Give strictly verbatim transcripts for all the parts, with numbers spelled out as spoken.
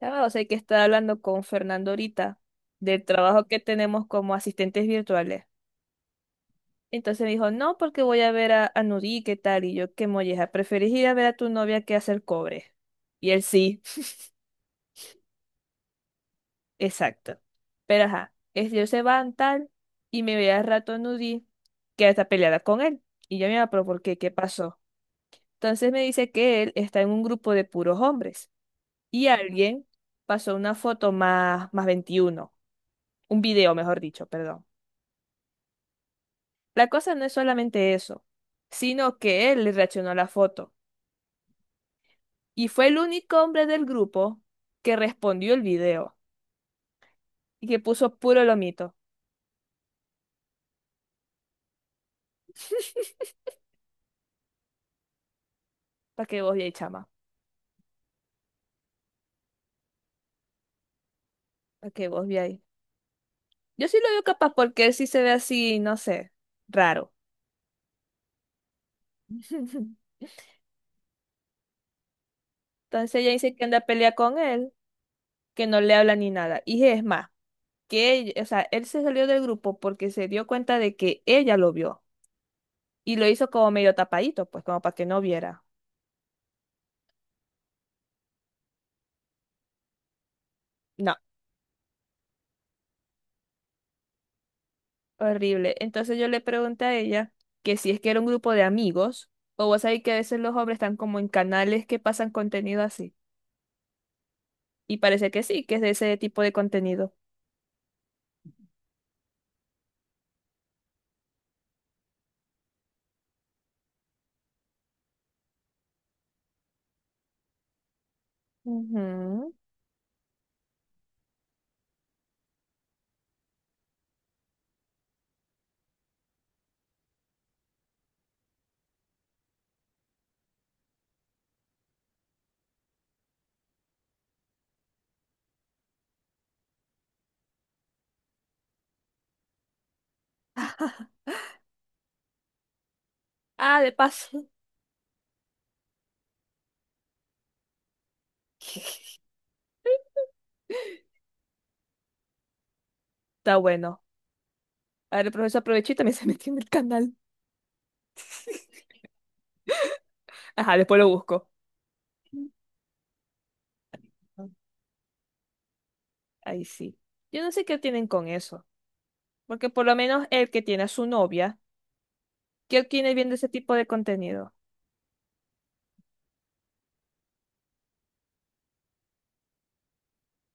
Ah, o sea que estaba hablando con Fernando ahorita del trabajo que tenemos como asistentes virtuales. Entonces me dijo, no, porque voy a ver a, a Nuri, ¿qué tal? Y yo, qué molleja, ¿preferís ir a ver a tu novia que hacer cobre? Y él sí, exacto. Pero ajá, es- ellos se van tal y me ve al rato a Nuri que está peleada con él. Y yo me va, pero ¿por qué? ¿Qué pasó? Entonces me dice que él está en un grupo de puros hombres y alguien pasó una foto más, más veintiuno, un video, mejor dicho, perdón. La cosa no es solamente eso, sino que él le reaccionó a la foto y fue el único hombre del grupo que respondió el video y que puso puro lomito. Para que vos veáis, chama, para que vos veáis. Yo sí lo veo capaz porque él sí se ve así, no sé, raro. Entonces ella dice que anda a pelear con él, que no le habla ni nada. Y es más, que ella- o sea, él se salió del grupo porque se dio cuenta de que ella lo vio y lo hizo como medio tapadito, pues como para que no viera. No. Horrible. Entonces yo le pregunté a ella que si es que era un grupo de amigos, o vos sabés que a veces los hombres están como en canales que pasan contenido así. Y parece que sí, que es de ese tipo de contenido. Ujú. Ah, de paso. Está bueno. A ver, el profesor aprovechó y también se metió en el canal. Ajá, después lo busco. Ahí sí. Yo no sé qué tienen con eso. Porque por lo menos el que tiene a su novia, ¿qué tiene viendo ese tipo de contenido?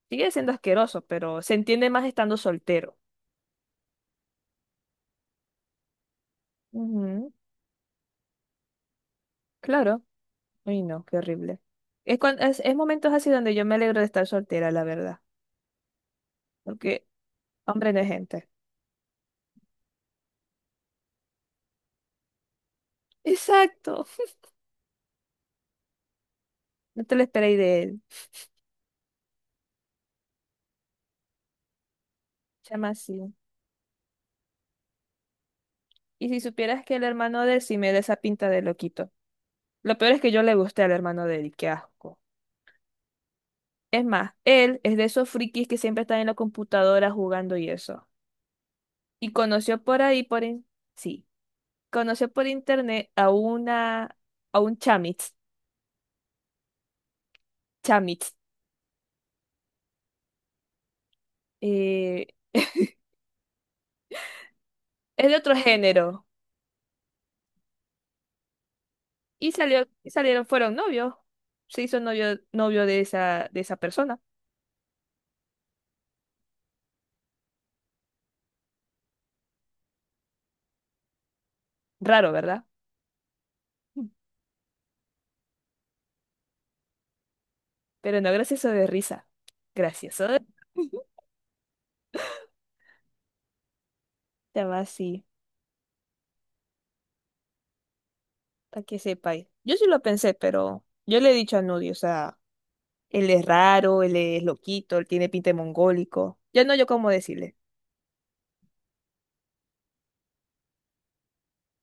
Sigue siendo asqueroso, pero se entiende más estando soltero. Ujú, claro. Ay, no, qué horrible. Es, cuan- es, es momentos así donde yo me alegro de estar soltera, la verdad. Porque hombre no es gente. Exacto. No te lo esperéis de él. Chama, sí. Y si supieras que el hermano de él sí me da esa pinta de loquito. Lo peor es que yo le gusté al hermano de él, y qué asco. Es más, él es de esos frikis que siempre están en la computadora jugando y eso. Y conoció por ahí, por in- sí, conoció por internet a una, a un chamitz, chamitz, es de otro género. Y salió, y salieron, fueron novios. Se hizo novio, novio de esa, de esa persona. Raro, ¿verdad? Pero no, gracioso de risa. Gracioso de... Te va así, para que sepáis. Yo sí lo pensé, pero yo le he dicho a Nudi, o sea, él es raro, él es loquito, él tiene pinta de mongólico. Ya no yo cómo decirle.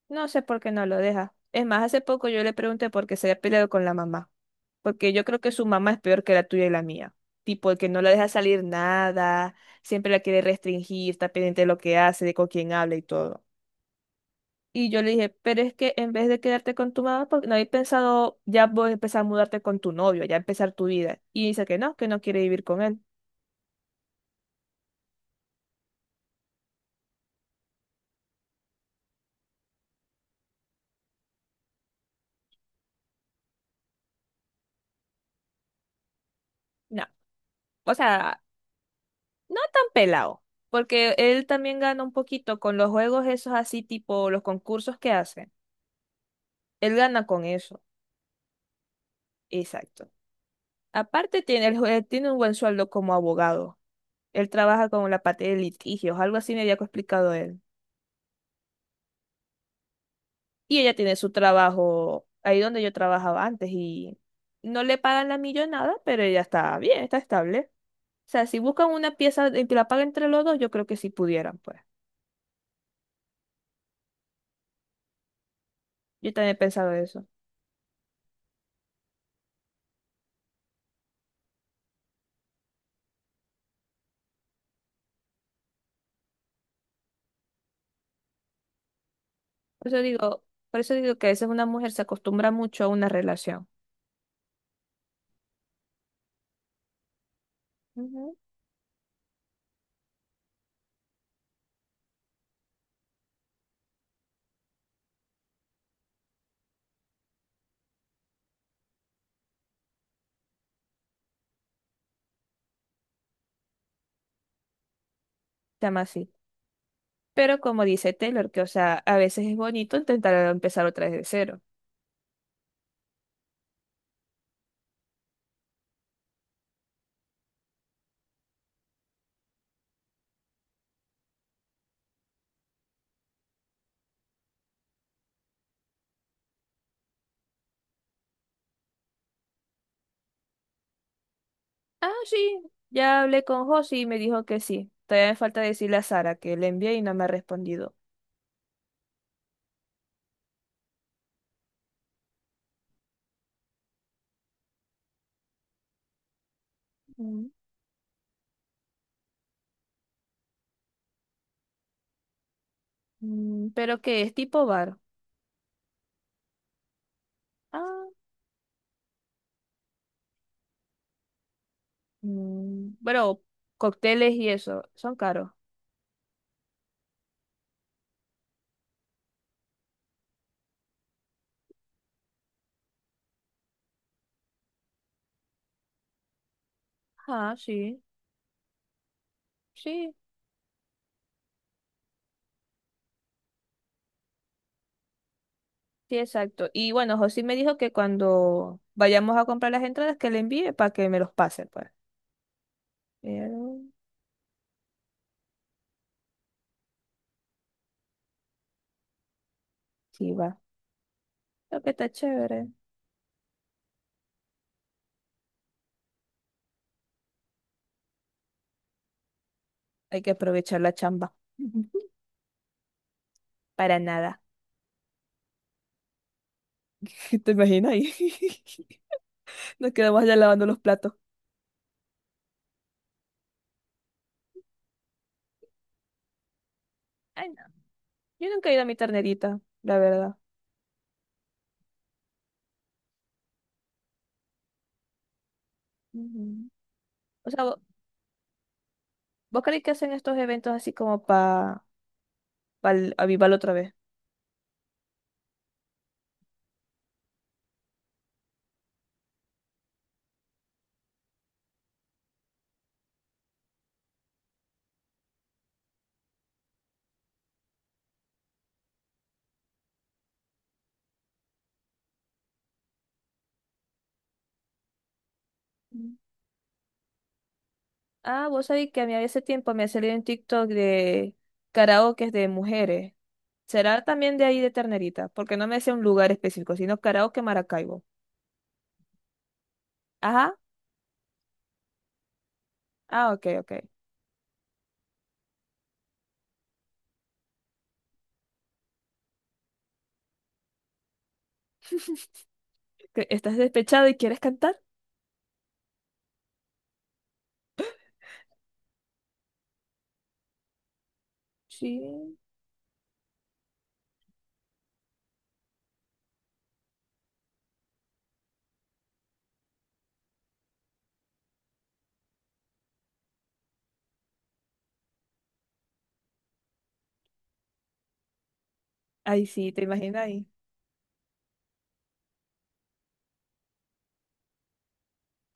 No sé por qué no lo deja. Es más, hace poco yo le pregunté por qué se había peleado con la mamá. Porque yo creo que su mamá es peor que la tuya y la mía. Tipo, el que no la deja salir nada, siempre la quiere restringir, está pendiente de lo que hace, de con quién habla y todo. Y yo le dije, pero es que en vez de quedarte con tu mamá, porque no habéis pensado ya vos empezar a mudarte con tu novio, ya empezar tu vida. Y dice que no, que no quiere vivir con él. No, o sea, no tan pelado, porque él también gana un poquito con los juegos esos así, tipo los concursos que hace. Él gana con eso, exacto. Aparte tiene, el jue- tiene un buen sueldo como abogado. Él trabaja con la parte de litigios, algo así me había explicado él. Y ella tiene su trabajo ahí donde yo trabajaba antes y no le pagan la millonada, pero ella está bien, está estable. O sea, si buscan una pieza y que la paguen entre los dos, yo creo que sí pudieran, pues. Yo también he pensado eso. Por eso digo, por eso digo que a veces una mujer se acostumbra mucho a una relación. Ujú. Se llama así. Pero como dice Taylor, que o sea, a veces es bonito intentar empezar otra vez de cero. Ah, sí, ya hablé con José y me dijo que sí. Todavía me falta decirle a Sara que le envié y no me ha respondido. Mm, mm, pero que es tipo bar. Ah, mm, bueno, cócteles y eso, son caros. Ah, sí, sí, sí, exacto. Y bueno, José me dijo que cuando vayamos a comprar las entradas que le envíe para que me los pase, pues. Pero sí va. Creo que está chévere. Hay que aprovechar la chamba. Para nada. ¿Te imaginas ahí? Nos quedamos allá lavando los platos. Ay, no. Yo nunca he ido a mi ternerita, la verdad. Ujú. O sea, vo- ¿vos creéis que hacen estos eventos así como para avivarlo otra vez? Mm. Ah, vos sabéis que a mí hace tiempo me ha salido un TikTok de karaokes de mujeres. ¿Será también de ahí de Ternerita? Porque no me decía un lugar específico, sino karaoke Maracaibo. Ajá. Ah, ok, ok. ¿Que ¿Estás despechado y quieres cantar? Sí. Ay, sí, ¿te imaginas?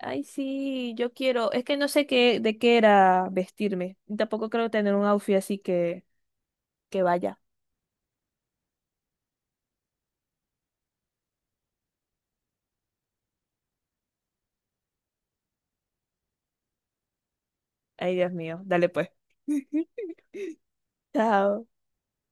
Ay, sí, yo quiero. Es que no sé qué, de qué era vestirme. Y tampoco creo tener un outfit así que, que vaya. Ay, Dios mío. Dale pues. Chao.